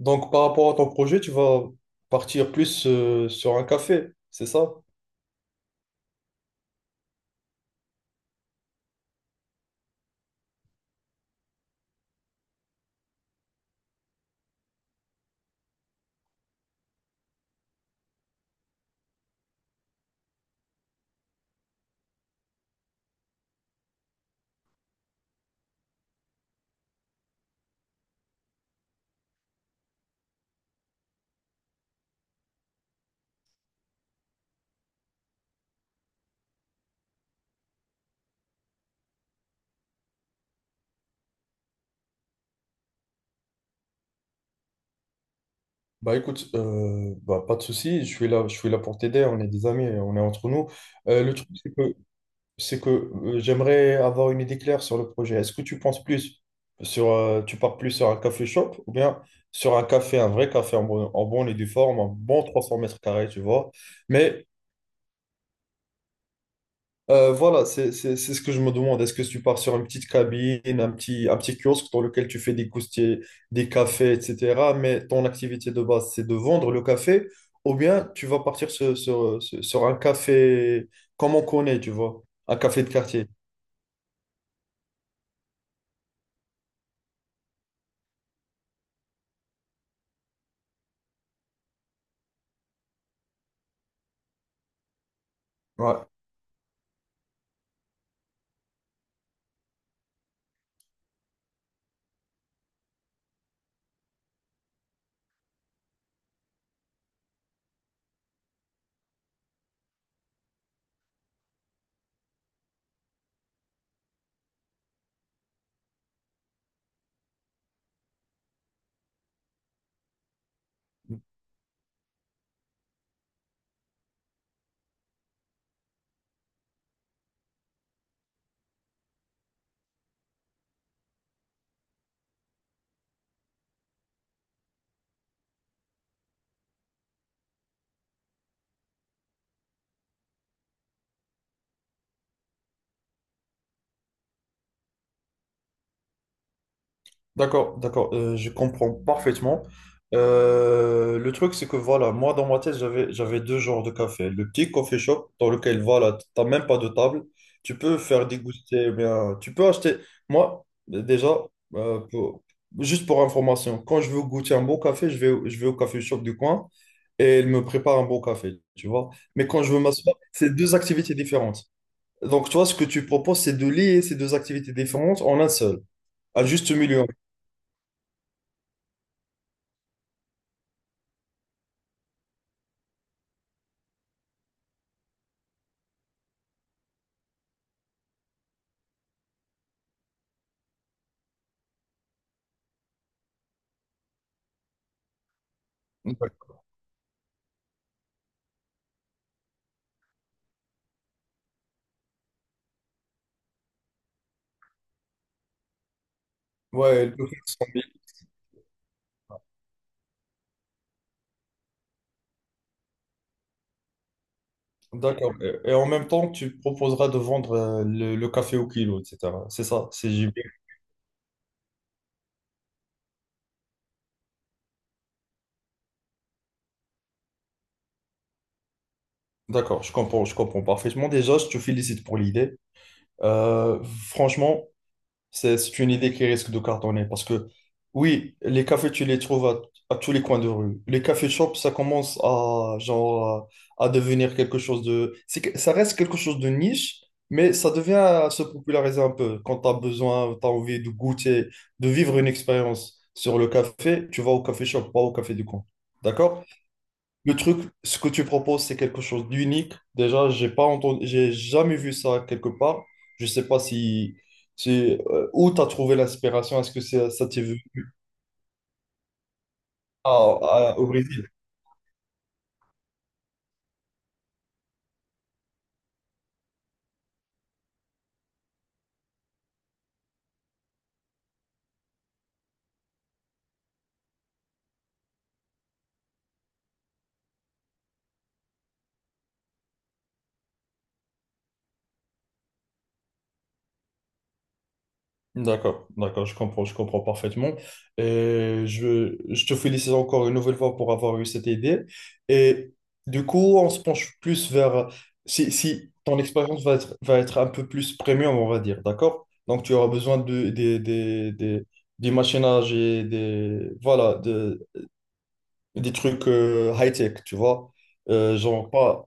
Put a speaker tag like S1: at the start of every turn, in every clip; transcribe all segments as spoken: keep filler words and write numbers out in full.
S1: Donc, par rapport à ton projet, tu vas partir plus euh, sur un café, c'est ça? Bah écoute, euh, bah, pas de souci, je suis là, je suis là pour t'aider, on est des amis, on est entre nous. Euh, le truc, c'est que, c'est que euh, j'aimerais avoir une idée claire sur le projet. Est-ce que tu penses plus sur, euh, tu pars plus sur un café shop ou bien sur un café, un vrai café en bon, en bon et due forme, en bon trois cents mètres carrés, tu vois, mais Euh, voilà, c'est c'est- c'est ce que je me demande. Est-ce que tu pars sur une petite cabine, un petit, un petit kiosque dans lequel tu fais des coustiers, des cafés, et cetera. Mais ton activité de base, c'est de vendre le café, ou bien tu vas partir sur, sur, sur sur un café comme on connaît, tu vois, un café de quartier. Ouais. D'accord, d'accord, euh, je comprends parfaitement. Euh, le truc, c'est que voilà, moi dans ma tête, j'avais, j'avais deux genres de café. Le petit coffee shop dans lequel voilà, t'as même pas de table, tu peux faire déguster, eh bien, tu peux acheter. Moi, déjà, euh, pour- juste pour information, quand je veux goûter un bon café, je vais, au- je vais au café shop du coin et il me prépare un bon café, tu vois. Mais quand je veux m'asseoir, c'est deux activités différentes. Donc, toi, ce que tu proposes, c'est de lier ces deux activités différentes en un seul, à juste milieu. Ouais, le café, cent mille. D'accord. Et et en même temps, tu proposeras de vendre euh, le, le café au kilo, et cetera. C'est ça, c'est J B. D'accord, je comprends, je comprends parfaitement. Déjà, je te félicite pour l'idée. Euh, franchement, C'est c'est une idée qui risque de cartonner parce que, oui, les cafés, tu les trouves à, à tous les coins de rue. Les cafés shops, ça commence à, genre, à, à devenir quelque chose de... c'est que- ça reste quelque chose de niche, mais ça devient à se populariser un peu. Quand tu as besoin, tu as envie de goûter, de vivre une expérience sur le café, tu vas au café shop, pas au café du coin. D'accord? Le truc, ce que tu proposes, c'est quelque chose d'unique. Déjà, j'ai pas entendu, j'ai jamais vu ça quelque part. Je sais pas si, si euh, où tu as trouvé l'inspiration. Est-ce que c'est- ça t'est vu à- à- au Brésil? D'accord, d'accord, je comprends, je comprends parfaitement. Et je, je te félicite encore une nouvelle fois pour avoir eu cette idée. Et du coup, on se penche plus vers... Si, si ton expérience va être, va être un peu plus premium, on va dire, d'accord? Donc, tu auras besoin de, des des des des machinages et des, voilà, de, des trucs euh, high-tech, tu vois? Euh, genre, pas...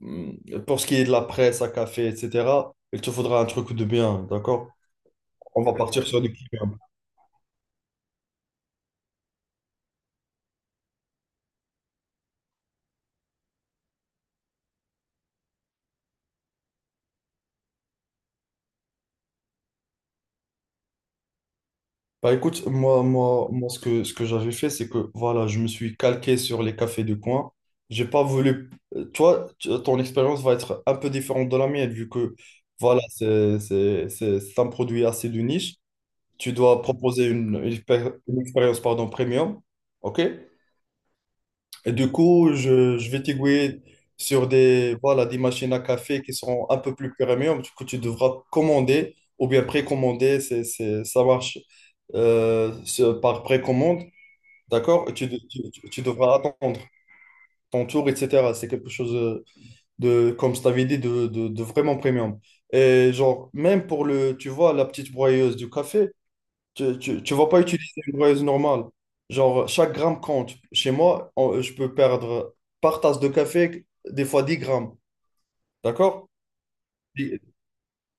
S1: mm, Pour ce qui est de la presse à café, et cetera, il te faudra un truc de bien, d'accord? On va partir sur du premium. Bah écoute, moi, moi, moi ce que, ce que, j'avais fait, c'est que voilà, je me suis calqué sur les cafés de coin. J'ai pas voulu. euh, Toi, tu- ton expérience va être un peu différente de la mienne, vu que voilà, c'est c'est- c'est- c'est un produit assez de niche. Tu dois proposer une, une expé- une expérience pardon, premium. OK? Et du coup, je, je vais t'aiguiller sur des, voilà, des machines à café qui sont un peu plus premium. que tu devras commander ou bien précommander. C'est, c'est, ça marche euh, ce- par précommande. D'accord? Et tu, de- tu, tu- tu devras attendre ton tour, et cetera. C'est quelque chose de, comme je t'avais dit, de, de, de vraiment premium. Et genre, même pour le, tu vois, la petite broyeuse du café. Tu, tu, tu vas pas utiliser une broyeuse normale. Genre, chaque gramme compte. Chez moi, on- je peux perdre par tasse de café, des fois dix grammes. D'accord? Et-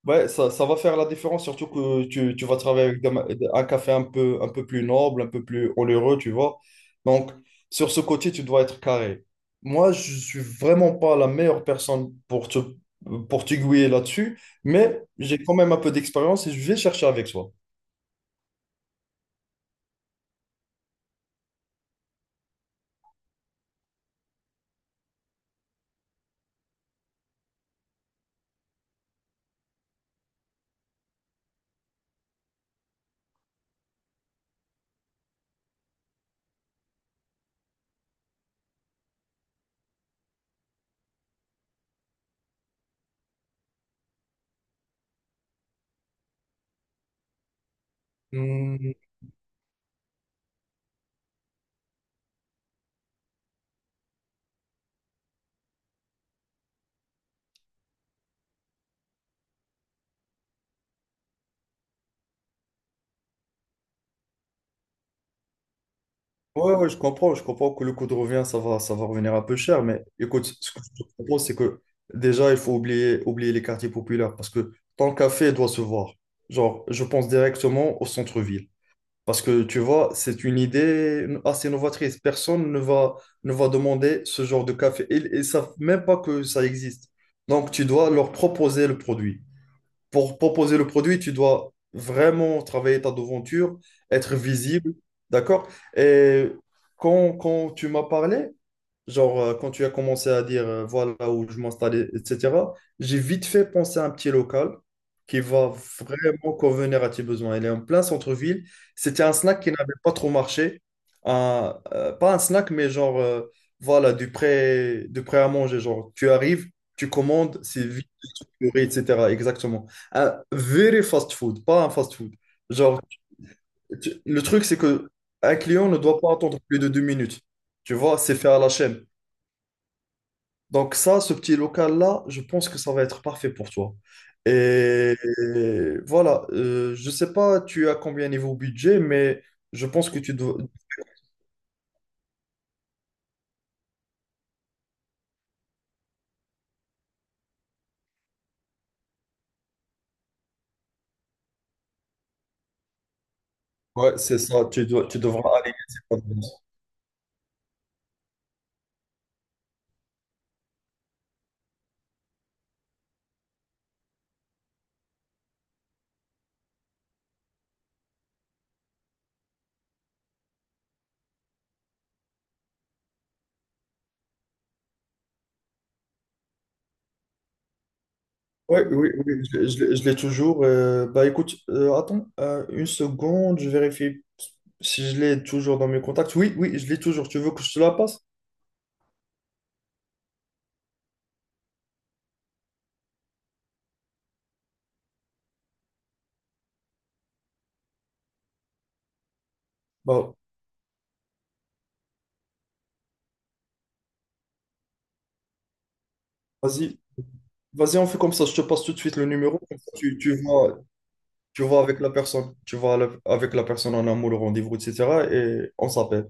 S1: Ouais, ça, ça va faire la différence, surtout que tu, tu vas travailler avec des ma- un café un peu, un peu plus noble, un peu plus onéreux, tu vois. Donc, sur ce côté, tu dois être carré. Moi, je suis vraiment pas la meilleure personne pour te, pour t'aiguiller là-dessus, mais j'ai quand même un peu d'expérience et je vais chercher avec toi. Ouais, ouais, je, comprends, je comprends que le coût de revient, ça va, ça va revenir un peu cher, mais écoute, ce que je te propose, c'est que déjà, il faut oublier, oublier les quartiers populaires, parce que ton café doit se voir. Genre, je pense directement au centre-ville, parce que tu vois, c'est une idée assez novatrice. Personne ne va, ne va demander ce genre de café, et ils ne savent même pas que ça existe. Donc, tu dois leur proposer le produit pour proposer le produit, tu dois vraiment travailler ta devanture, être visible, d'accord? Et quand, quand tu m'as parlé, genre, euh, quand tu as commencé à dire euh, voilà où je m'installais, et cetera, j'ai vite fait penser à un petit local qui va vraiment convenir à tes besoins. Il est en plein centre-ville. C'était un snack qui n'avait pas trop marché. Un- euh, pas un snack, mais genre, euh, voilà, du prêt, du prêt à manger. Genre, tu arrives, tu commandes, c'est vite structuré, et cetera. Exactement. Un very fast food, pas un fast food. Genre, tu- tu- le truc, c'est que un client ne doit pas attendre plus de deux minutes. Tu vois, c'est fait à la chaîne. Donc ça, ce petit local-là, je pense que ça va être parfait pour toi. Et, voilà, euh, je sais pas tu as combien niveau budget, mais je pense que tu dois... Ouais, c'est ça, tu dois, tu devras aller. Oui, oui, oui, je, l'ai je l'ai- je l'ai toujours. euh, bah écoute, euh, attends euh, une seconde, je vérifie si je l'ai toujours dans mes contacts. Oui, oui, je l'ai toujours. Tu veux que je te la passe? Bah, vas-y, vas-y, on fait comme ça. Je te passe tout de suite le numéro. comme ça, tu, tu vois, tu vas avec la personne, tu vas avec la personne en amour, le rendez-vous, et cetera. Et on s'appelle.